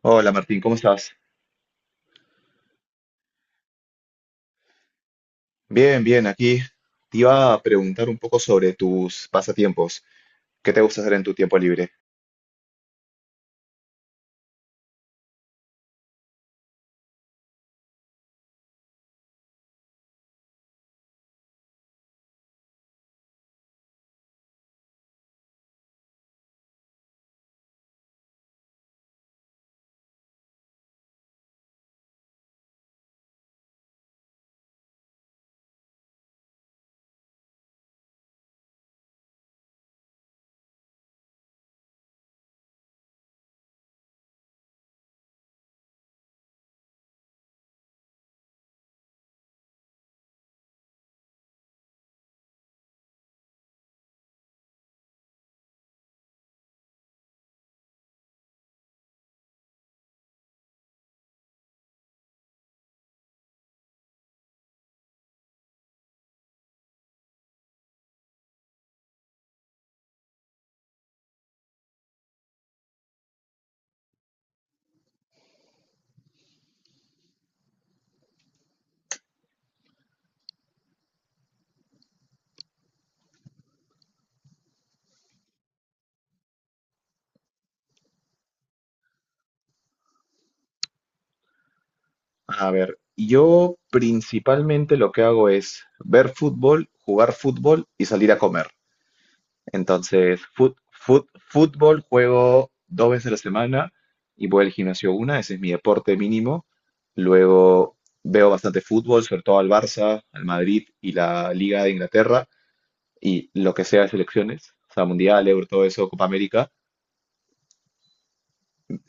Hola Martín, ¿cómo estás? Bien, bien, aquí te iba a preguntar un poco sobre tus pasatiempos. ¿Qué te gusta hacer en tu tiempo libre? A ver, yo principalmente lo que hago es ver fútbol, jugar fútbol y salir a comer. Entonces, fútbol juego dos veces a la semana y voy al gimnasio una, ese es mi deporte mínimo. Luego veo bastante fútbol, sobre todo al Barça, al Madrid y la Liga de Inglaterra, y lo que sea de selecciones, o sea, Mundial, Euro, todo eso, Copa América.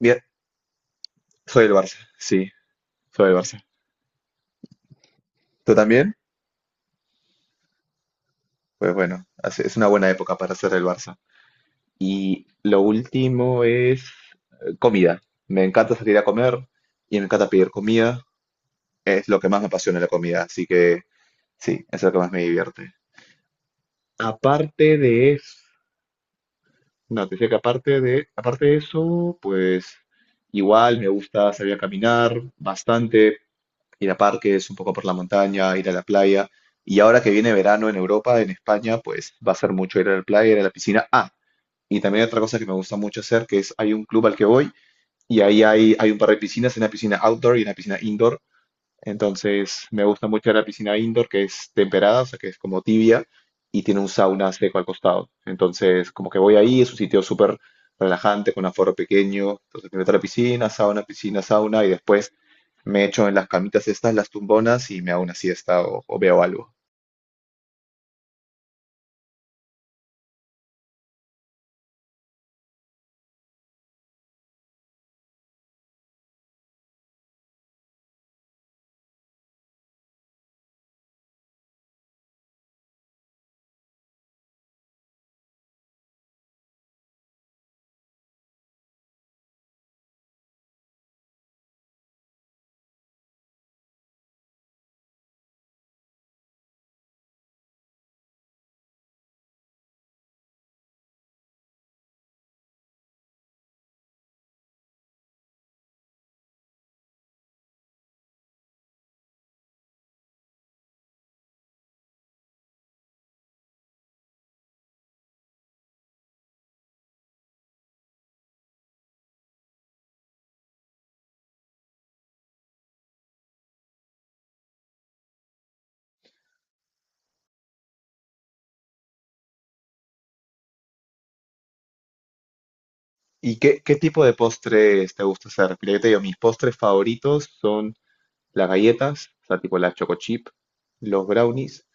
Bien, soy del Barça, sí, soy del Barça. ¿Tú también? Pues bueno, es una buena época para ser del Barça. Y lo último es comida. Me encanta salir a comer y me encanta pedir comida. Es lo que más me apasiona la comida, así que sí, es lo que más me divierte. Aparte de eso, no, te decía que aparte de eso, pues igual me gusta salir a caminar bastante, ir a parques, un poco por la montaña, ir a la playa. Y ahora que viene verano en Europa, en España, pues va a ser mucho ir a la playa, ir a la piscina. Ah, y también hay otra cosa que me gusta mucho hacer, que es hay un club al que voy y ahí hay un par de piscinas, una piscina outdoor y una piscina indoor. Entonces me gusta mucho la piscina indoor, que es temperada, o sea, que es como tibia y tiene un sauna seco al costado. Entonces, como que voy ahí, es un sitio súper relajante, con aforo pequeño. Entonces me meto a la piscina, sauna y después me echo en las camitas estas, las tumbonas, y me hago una siesta o veo algo. ¿Y qué tipo de postres te gusta hacer? Mira, yo te digo, mis postres favoritos son las galletas, o sea, tipo las choco chip, los brownies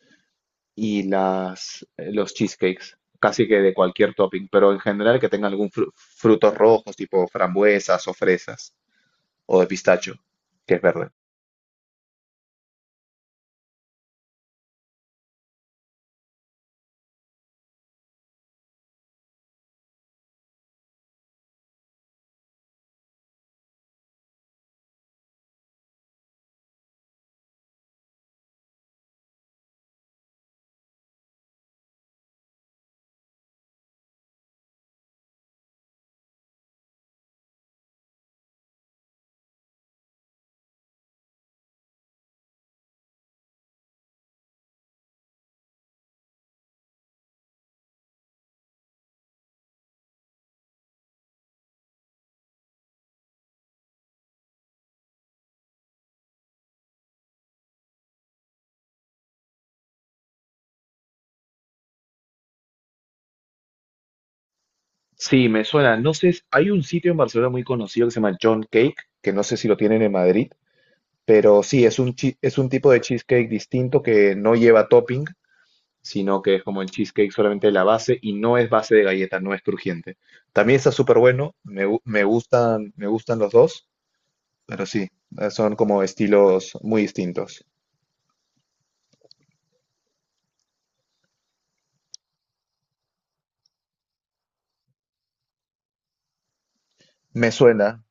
y los cheesecakes, casi que de cualquier topping, pero en general que tenga algún frutos rojos, tipo frambuesas o fresas, o de pistacho, que es verde. Sí, me suena. No sé, hay un sitio en Barcelona muy conocido que se llama John Cake, que no sé si lo tienen en Madrid, pero sí, es es un tipo de cheesecake distinto que no lleva topping, sino que es como el cheesecake solamente de la base y no es base de galleta, no es crujiente. También está súper bueno, me gustan los dos, pero sí, son como estilos muy distintos. Me suena,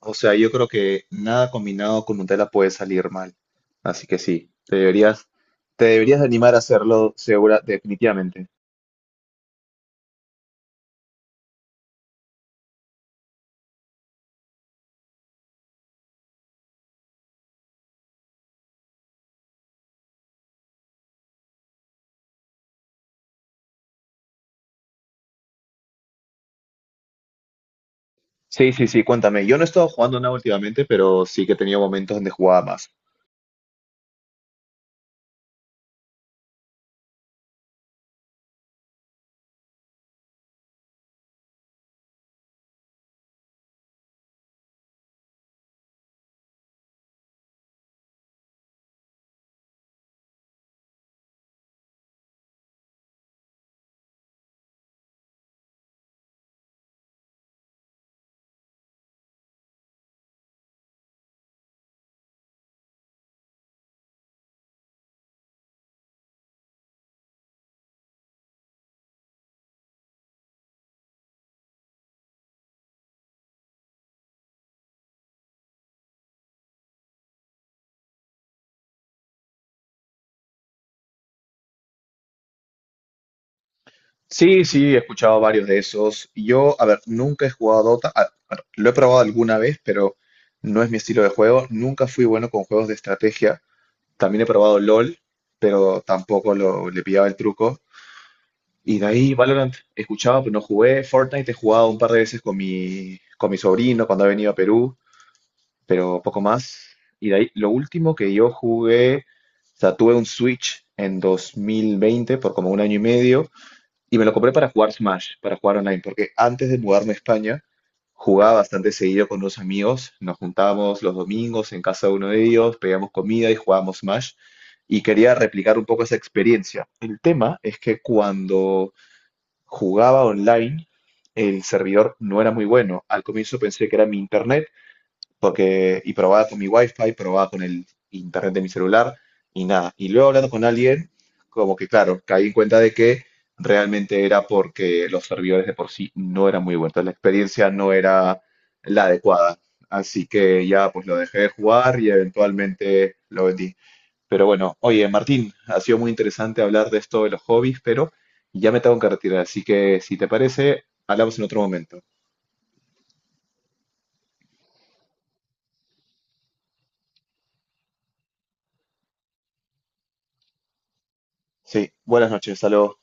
o sea, yo creo que nada combinado con Nutella puede salir mal. Así que sí, te deberías de animar a hacerlo, segura, definitivamente. Sí, sí, sí, cuéntame. Yo no he estado jugando nada últimamente, pero sí que he tenido momentos donde jugaba más. Sí, sí, he escuchado varios de esos. Yo, a ver, nunca he jugado Dota. A ver, lo he probado alguna vez, pero no es mi estilo de juego. Nunca fui bueno con juegos de estrategia. También he probado LOL, pero tampoco le pillaba el truco. Y de ahí Valorant escuchaba, pero no jugué. Fortnite he jugado un par de veces con con mi sobrino cuando ha venido a Perú, pero poco más. Y de ahí, lo último que yo jugué, o sea, tuve un Switch en 2020 por como un año y medio. Y me lo compré para jugar Smash, para jugar online, porque antes de mudarme a España jugaba bastante seguido con unos amigos, nos juntábamos los domingos en casa de uno de ellos, pedíamos comida y jugábamos Smash, y quería replicar un poco esa experiencia. El tema es que cuando jugaba online, el servidor no era muy bueno. Al comienzo pensé que era mi internet, porque y probaba con mi wifi, probaba con el internet de mi celular y nada. Y luego hablando con alguien, como que claro, caí en cuenta de que realmente era porque los servidores de por sí no eran muy buenos, la experiencia no era la adecuada. Así que ya pues lo dejé de jugar y eventualmente lo vendí. Pero bueno, oye Martín, ha sido muy interesante hablar de esto de los hobbies, pero ya me tengo que retirar, así que si te parece, hablamos en otro momento. Sí, buenas noches, saludos.